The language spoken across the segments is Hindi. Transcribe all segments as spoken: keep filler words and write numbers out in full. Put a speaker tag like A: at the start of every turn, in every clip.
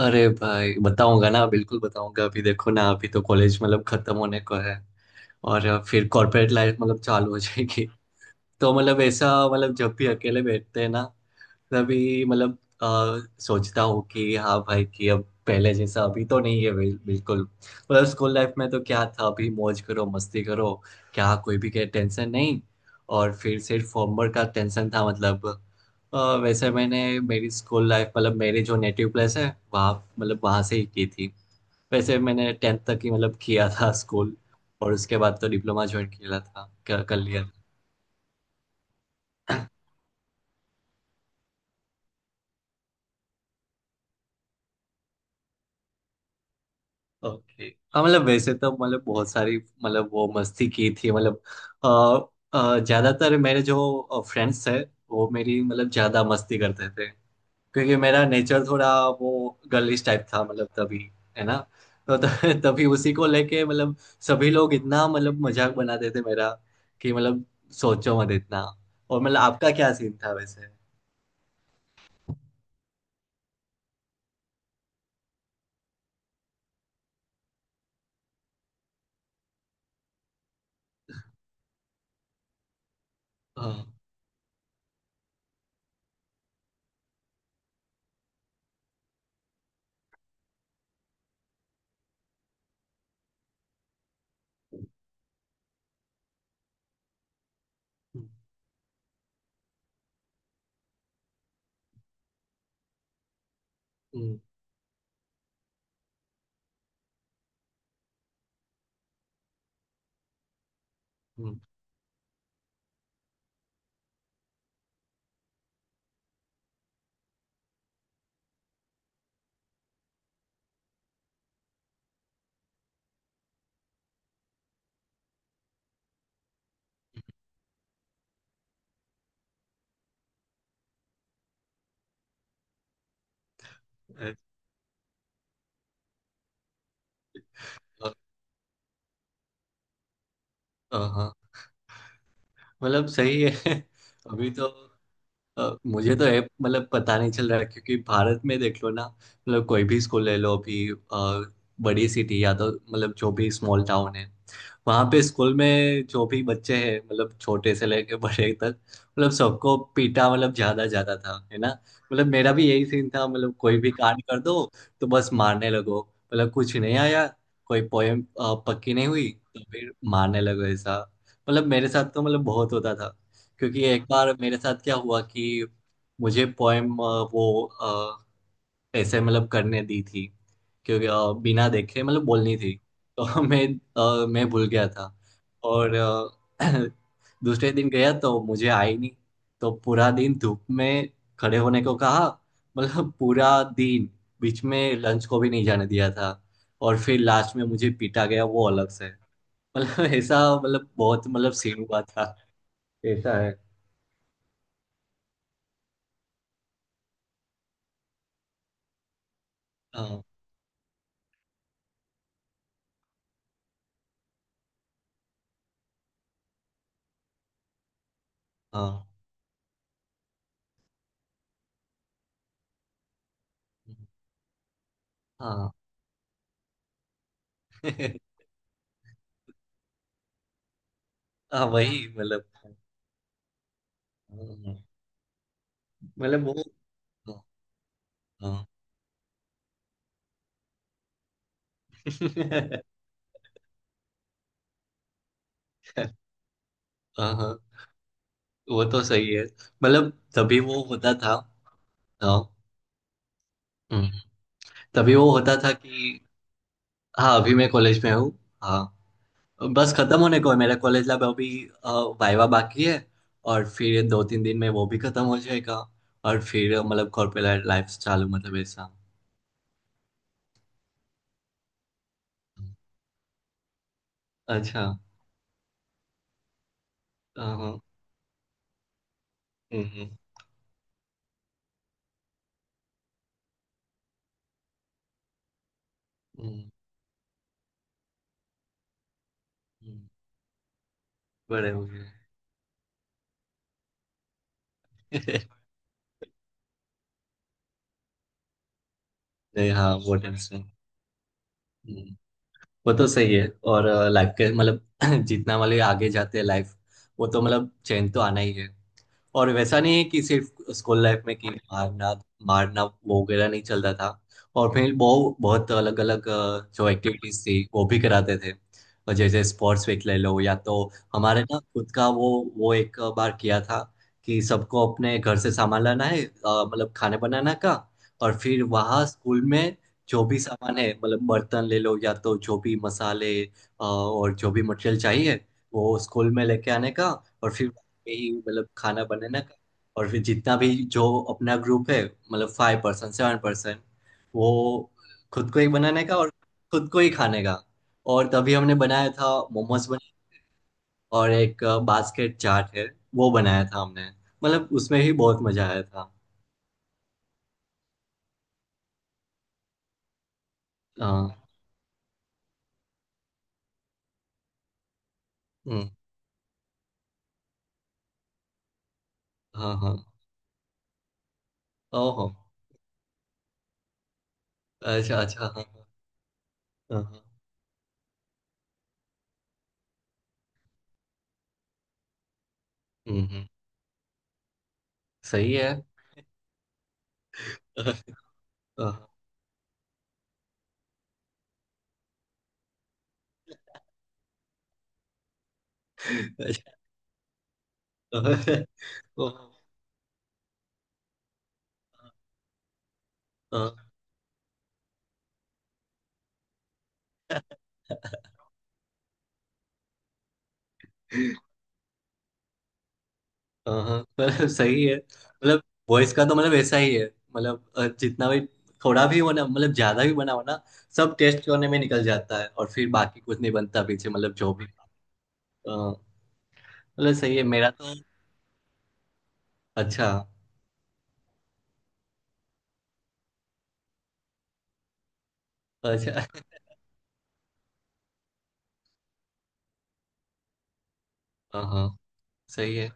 A: अरे भाई बताऊंगा ना, बिल्कुल बताऊंगा। अभी देखो ना, अभी तो कॉलेज मतलब खत्म होने को है। और फिर कॉर्पोरेट लाइफ मतलब चालू हो जाएगी। तो मतलब ऐसा मतलब जब भी अकेले बैठते हैं ना, मैं भी मतलब अ, सोचता हूँ कि हाँ भाई, कि अब पहले जैसा अभी तो नहीं है। बिल- बिल्कुल मतलब स्कूल लाइफ में तो क्या था, अभी मौज करो मस्ती करो। क्या कोई भी के टेंशन नहीं, और फिर सिर्फ होमवर्क का टेंशन था मतलब। अ, वैसे मैंने मेरी स्कूल लाइफ, मतलब मेरे जो नेटिव प्लेस है वहाँ, मतलब वहाँ से ही की थी। वैसे मैंने टेंथ तक ही मतलब किया था स्कूल। और उसके बाद तो डिप्लोमा ज्वाइन किया था, कर कर लिया। ओके। हाँ मतलब वैसे तो मतलब बहुत सारी मतलब वो मस्ती की थी मतलब। अ, अ, ज्यादातर मेरे जो फ्रेंड्स थे, वो मेरी मतलब ज्यादा मस्ती करते थे। क्योंकि मेरा नेचर थोड़ा वो गर्लिश टाइप था मतलब, तभी है ना। तो त- तभी उसी को लेके मतलब सभी लोग इतना मतलब मजाक बनाते थे मेरा, कि मतलब सोचो मत इतना। और मतलब आपका क्या सीन था वैसे? हाँ। हम्म, हम्म, हम्म, अ- अ- हाँ, मतलब सही है। अभी तो अ, मुझे तो ऐप मतलब पता नहीं चल रहा है, क्योंकि भारत में देख लो ना, मतलब कोई भी स्कूल ले लो अभी। अ, बड़ी सिटी या तो मतलब जो भी स्मॉल टाउन है, वहाँ पे स्कूल में जो भी बच्चे हैं, मतलब छोटे से लेके बड़े तक, मतलब सबको पीटा मतलब ज्यादा ज्यादा था, है ना। मतलब मेरा भी यही सीन था, मतलब कोई भी कांड कर दो तो बस मारने लगो। मतलब कुछ नहीं आया, कोई पोएम पक्की नहीं हुई तो फिर मारने लगो ऐसा। मतलब मेरे साथ तो मतलब बहुत होता था। क्योंकि एक बार मेरे साथ क्या हुआ कि मुझे पोएम वो अ, ऐसे मतलब करने दी थी, क्योंकि अ, बिना देखे मतलब बोलनी थी। तो मैं अ, मैं भूल गया था। और अ, दूसरे दिन गया तो मुझे आई नहीं। तो पूरा दिन धूप में खड़े होने को कहा, मतलब पूरा दिन। बीच में लंच को भी नहीं जाने दिया था, और फिर लास्ट में मुझे पीटा गया वो अलग से। मतलब ऐसा मतलब बहुत मतलब सीन हुआ था। ऐसा है। हाँ, हाँ, हाँ। हाँ, वही मतलब। हाँ, मतलब वो। हाँ, हाँ। हाँ, हाँ, वो तो सही है, मतलब तभी वो होता था। हाँ। हम्म। तभी वो होता था कि हाँ, अभी मैं कॉलेज में हूँ। हाँ, बस खत्म होने को है मेरा कॉलेज लैब अभी। अ, वाइवा बाकी है, और फिर दो तीन दिन में वो भी खत्म हो जाएगा। और फिर अ, मतलब कॉर्पोरेट लाइफ चालू, मतलब ऐसा। अच्छा। हाँ, हाँ। हम्म, हम्म, हम्म, हम्म। बड़े हो गए। नहीं, हाँ, वो टेंशन। हम्म। वो तो सही है। और लाइफ के मतलब जितना मतलब आगे जाते हैं लाइफ, वो तो मतलब चेंज तो आना ही है। और वैसा नहीं है कि सिर्फ स्कूल लाइफ में कि मारना मारना, वो वगैरह नहीं चलता था। और फिर बहुत बहुत अलग अलग जो एक्टिविटीज थी, वो भी कराते थे। और जैसे स्पोर्ट्स वीक ले लो, या तो हमारे ना खुद का वो वो एक बार किया था कि सबको अपने घर से सामान लाना है, अ, मतलब खाने बनाना का। और फिर वहाँ स्कूल में जो भी सामान है, मतलब बर्तन ले लो या तो जो भी मसाले, अ, और जो भी मटेरियल चाहिए, वो स्कूल में लेके आने का। और फिर में ही मतलब खाना बनाना का। और फिर जितना भी जो अपना ग्रुप है, मतलब फाइव पर्सन सेवन पर्सन, वो खुद को ही बनाने का और खुद को ही खाने का। और तभी हमने बनाया था मोमोज बनाए, और एक बास्केट चाट है वो बनाया था हमने। मतलब उसमें ही बहुत मजा आया था। हाँ। हम्म। हाँ, हाँ। ओहो। अच्छा, अच्छा। हाँ, हाँ, हाँ, हाँ। हम्म, हम्म। सही है। हाँ। अच्छा। ओहो। हाँ, हाँ। हाँ मतलब सही है, मतलब वॉइस का तो मतलब ऐसा ही है। मतलब अ, जितना भी थोड़ा भी बना मतलब, ज्यादा भी बनाओ ना, सब टेस्ट करने में निकल जाता है। और फिर बाकी कुछ नहीं बनता पीछे मतलब जो भी। अ, मतलब सही है, मेरा तो। अच्छा, अच्छा। हाँ, हाँ, सही है।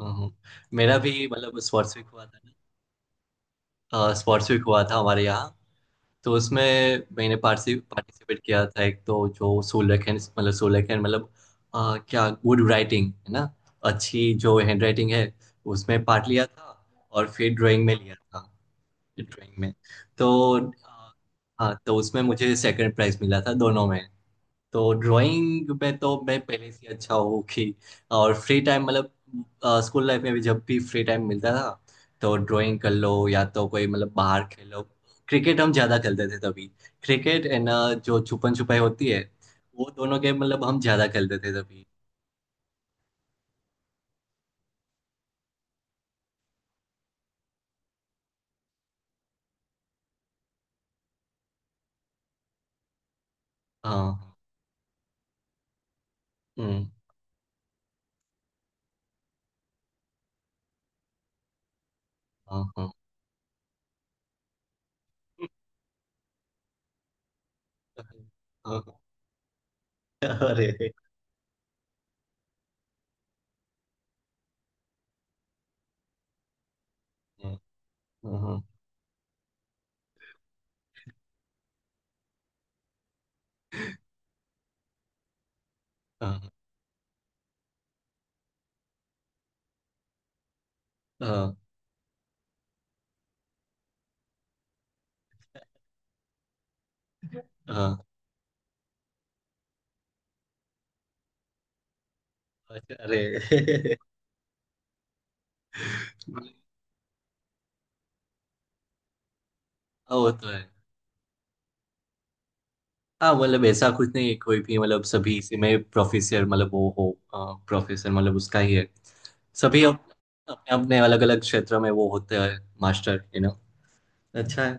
A: हाँ, हाँ। मेरा भी मतलब स्पोर्ट्स वीक हुआ था ना, स्पोर्ट्स वीक हुआ था हमारे यहाँ। तो उसमें मैंने पार्टिसि पार्टिसिपेट किया था, एक तो जो सोलेखन मतलब सोलेखन, मतलब अ, क्या गुड राइटिंग है ना, अच्छी जो हैंड राइटिंग है, उसमें पार्ट लिया था। और फिर ड्राइंग में लिया था, ड्राइंग में। तो अ, हाँ, तो उसमें मुझे सेकंड प्राइज मिला था दोनों में। तो ड्राइंग में तो मैं पहले से अच्छा हूँ कि, और फ्री टाइम मतलब स्कूल लाइफ में भी जब भी फ्री टाइम मिलता था, तो ड्राइंग कर लो या तो कोई मतलब बाहर खेलो। क्रिकेट हम ज्यादा खेलते थे तभी, क्रिकेट एंड जो छुपन छुपाई होती है, वो दोनों गेम मतलब हम ज्यादा खेलते थे तभी। हाँ। हम्म। हाँ, हाँ, हाँ, हाँ। अरे, हाँ, हाँ, हाँ, हाँ, हाँ। अच्छा। अरे। वो तो है। हाँ मतलब ऐसा कुछ नहीं है, कोई भी मतलब सभी इसी में प्रोफेसर, मतलब वो हो प्रोफेसर मतलब उसका ही है। सभी अप- अपने अपने अलग अलग क्षेत्र में वो होते हैं मास्टर यू नो अच्छा है।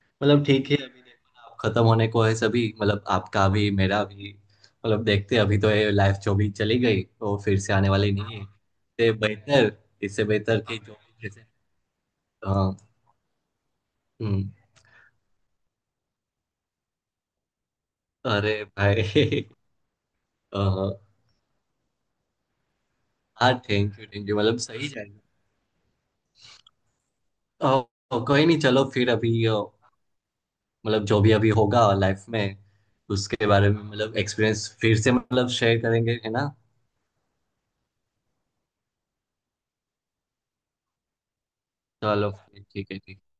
A: मतलब ठीक है, अभी देखो ना, अब खत्म होने को है सभी, मतलब आपका भी मेरा भी मतलब। देखते हैं, अभी तो ये लाइफ जो भी चली गई वो फिर से आने वाली नहीं है इससे बेहतर। इससे बेहतर कि जो भी जैसे। हाँ। हम्म। अरे भाई। हाँ। हाँ, थैंक यू थैंक यू, मतलब सही जाएगा। ओ। ओ, कोई नहीं, चलो फिर अभी। ओ, मतलब जो भी अभी होगा लाइफ में, उसके बारे में मतलब एक्सपीरियंस फिर से मतलब शेयर करेंगे, है ना। चलो ठीक है, ठीक है।